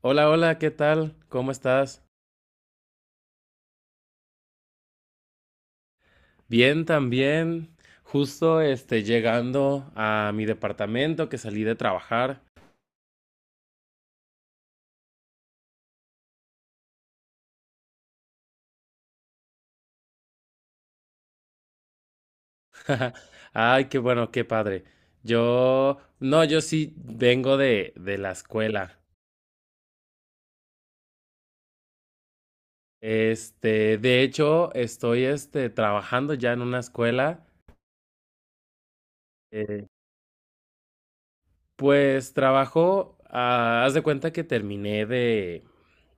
Hola, hola, ¿qué tal? ¿Cómo estás? Bien, también. Justo llegando a mi departamento que salí de trabajar. Ay, qué bueno, qué padre. Yo, no, yo sí vengo de la escuela. De hecho, estoy trabajando ya en una escuela. eh, Pues trabajo, haz de cuenta que terminé de,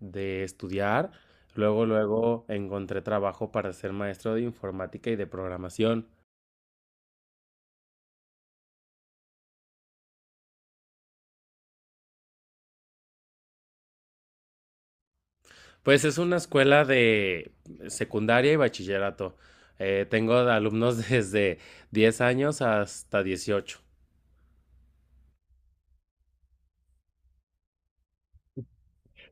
de estudiar, luego, luego encontré trabajo para ser maestro de informática y de programación. Pues es una escuela de secundaria y bachillerato. Tengo alumnos desde 10 años hasta 18.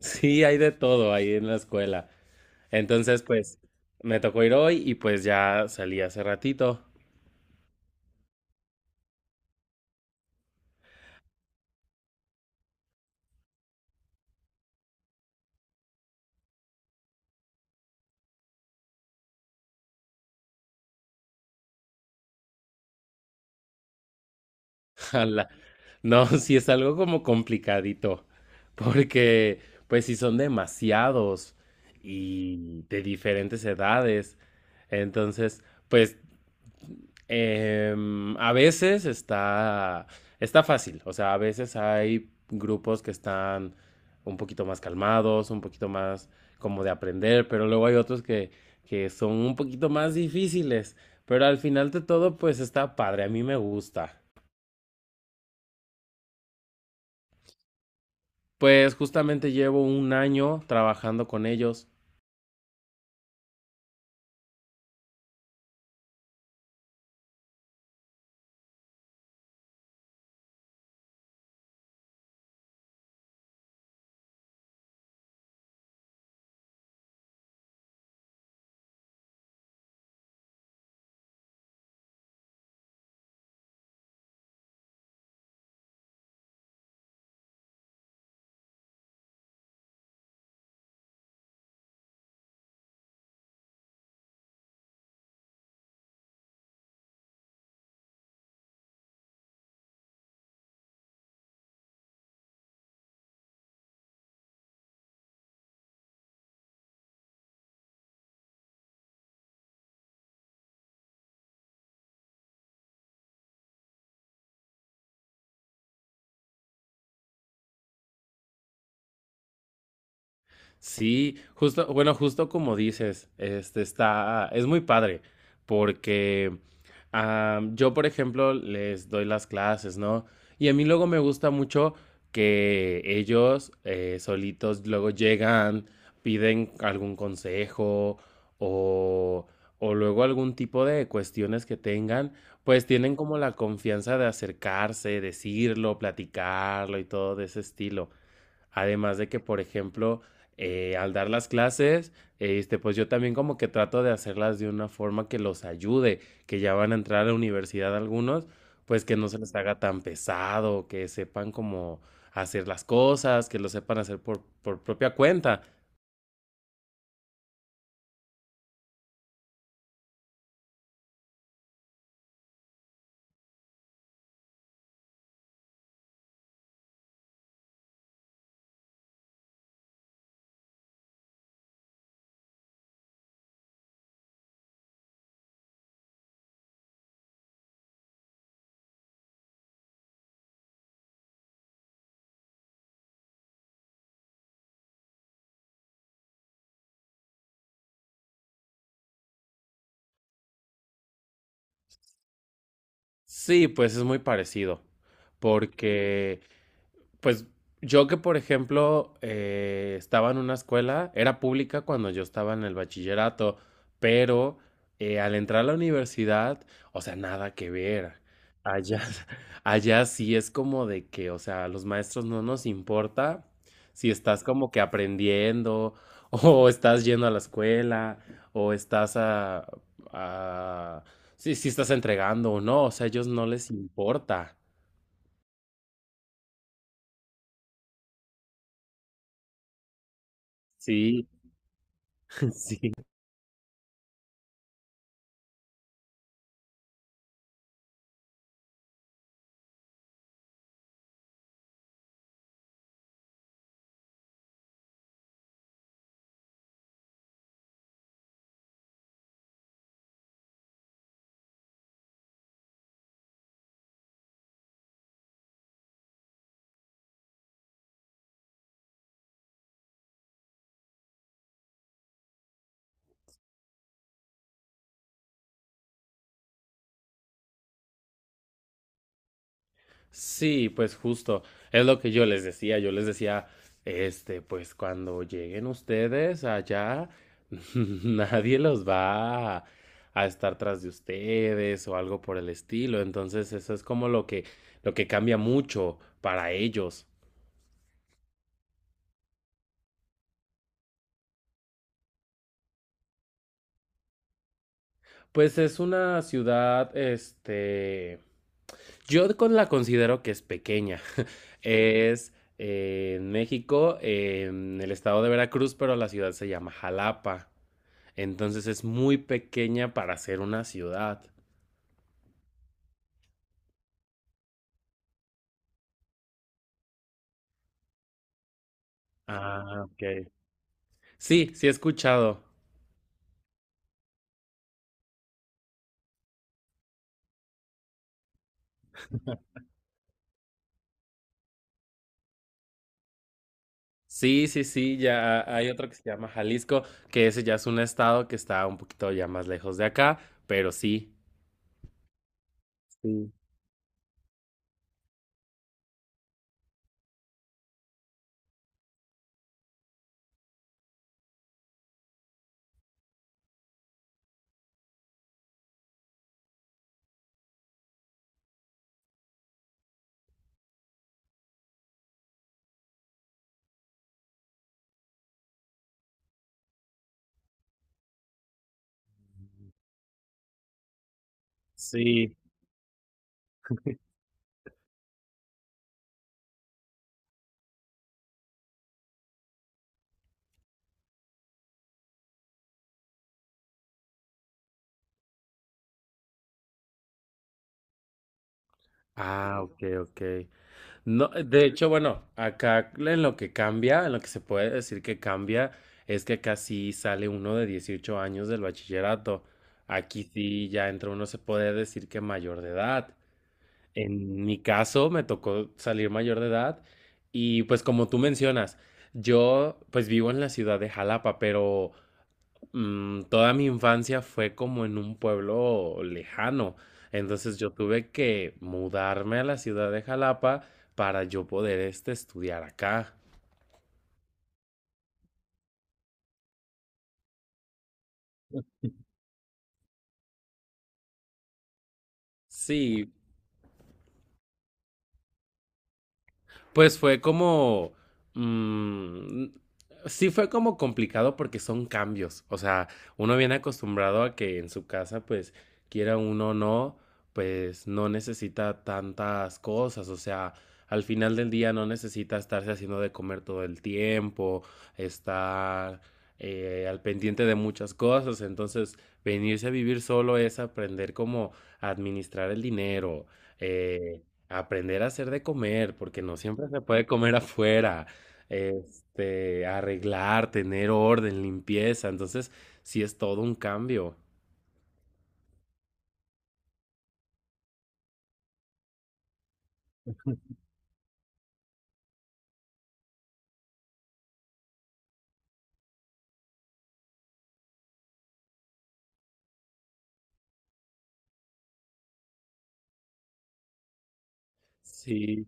Sí, hay de todo ahí en la escuela. Entonces, pues me tocó ir hoy y pues ya salí hace ratito. Ala. No, sí es algo como complicadito, porque pues si son demasiados y de diferentes edades, entonces pues a veces está fácil, o sea, a veces hay grupos que están un poquito más calmados, un poquito más como de aprender, pero luego hay otros que son un poquito más difíciles, pero al final de todo pues está padre, a mí me gusta. Pues justamente llevo un año trabajando con ellos. Sí, justo, bueno, justo como dices, está, es muy padre, porque yo, por ejemplo, les doy las clases, ¿no? Y a mí luego me gusta mucho que ellos solitos luego llegan, piden algún consejo o, o luego algún tipo de cuestiones que tengan, pues tienen como la confianza de acercarse, decirlo, platicarlo y todo de ese estilo. Además de que, por ejemplo, al dar las clases, pues yo también como que trato de hacerlas de una forma que los ayude, que ya van a entrar a la universidad algunos, pues que no se les haga tan pesado, que sepan cómo hacer las cosas, que lo sepan hacer por propia cuenta. Sí, pues es muy parecido, porque pues yo que, por ejemplo, estaba en una escuela, era pública cuando yo estaba en el bachillerato, pero al entrar a la universidad, o sea, nada que ver. Allá, allá sí es como de que, o sea, a los maestros no nos importa si estás como que aprendiendo, o estás yendo a la escuela, o a- si estás entregando o no, o sea, a ellos no les importa. Sí, sí. Sí, pues justo, es lo que yo les decía, pues cuando lleguen ustedes allá, nadie los va a estar tras de ustedes o algo por el estilo, entonces eso es como lo que cambia mucho para ellos. Pues es una ciudad, yo con la considero que es pequeña, es en México, en el estado de Veracruz, pero la ciudad se llama Jalapa. Entonces es muy pequeña para ser una ciudad. Ah, ok. Sí, sí he escuchado. Sí, sí, sí, ya hay otro que se llama Jalisco, que ese ya es un estado que está un poquito ya más lejos de acá, pero sí. Sí. Sí. Ah, ok, ok. No, de hecho, bueno, acá en lo que cambia, en lo que se puede decir que cambia, es que acá sí sale uno de 18 años del bachillerato. Aquí sí ya entra uno, se puede decir que mayor de edad. En mi caso me tocó salir mayor de edad y pues como tú mencionas, yo pues vivo en la ciudad de Jalapa, pero toda mi infancia fue como en un pueblo lejano. Entonces yo tuve que mudarme a la ciudad de Jalapa para yo poder estudiar acá. Sí. Pues fue mm, sí fue como complicado porque son cambios. O sea, uno viene acostumbrado a que en su casa, pues, quiera uno o no, pues no necesita tantas cosas. O sea, al final del día no necesita estarse haciendo de comer todo el tiempo, estar al pendiente de muchas cosas. Entonces, venirse a vivir solo es aprender cómo administrar el dinero. eh, Aprender a hacer de comer, porque no siempre se puede comer afuera. Arreglar, tener orden, limpieza. Entonces, sí es todo un cambio. Sí.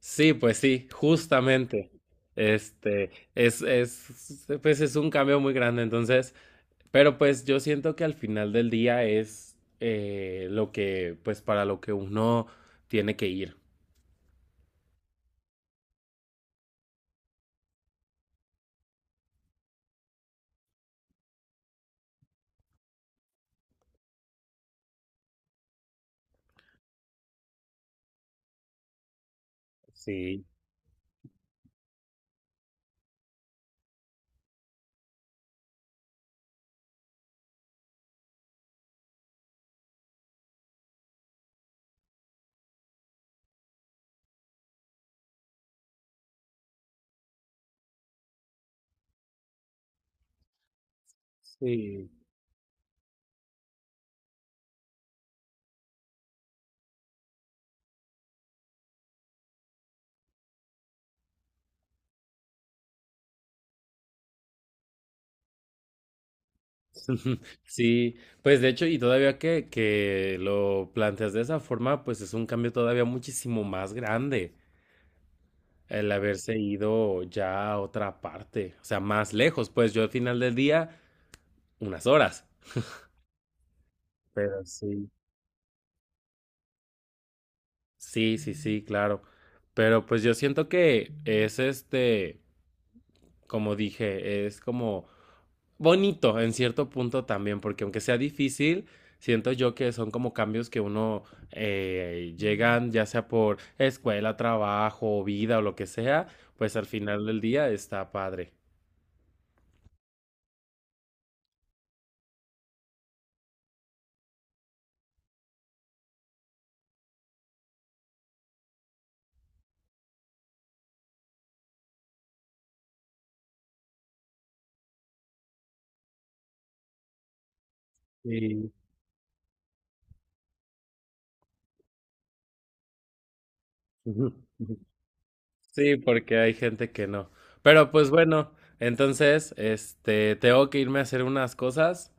Sí, pues sí, justamente. Pues es un cambio muy grande. Entonces, pero pues yo siento que al final del día es lo que, pues para lo que uno tiene que ir. Sí, sí. Sí, pues de hecho, y todavía que lo planteas de esa forma, pues es un cambio todavía muchísimo más grande el haberse ido ya a otra parte, o sea, más lejos, pues yo al final del día, unas horas. Pero sí. Sí, sí, sí, claro. Pero pues yo siento que es como dije, es como bonito en cierto punto también, porque aunque sea difícil, siento yo que son como cambios que uno llegan ya sea por escuela, trabajo, vida o lo que sea, pues al final del día está padre. Sí. Sí, porque hay gente que no. Pero pues bueno, entonces, tengo que irme a hacer unas cosas,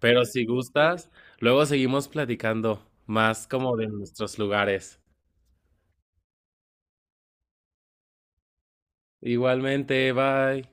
pero si gustas, luego seguimos platicando más como de nuestros lugares. Igualmente, bye.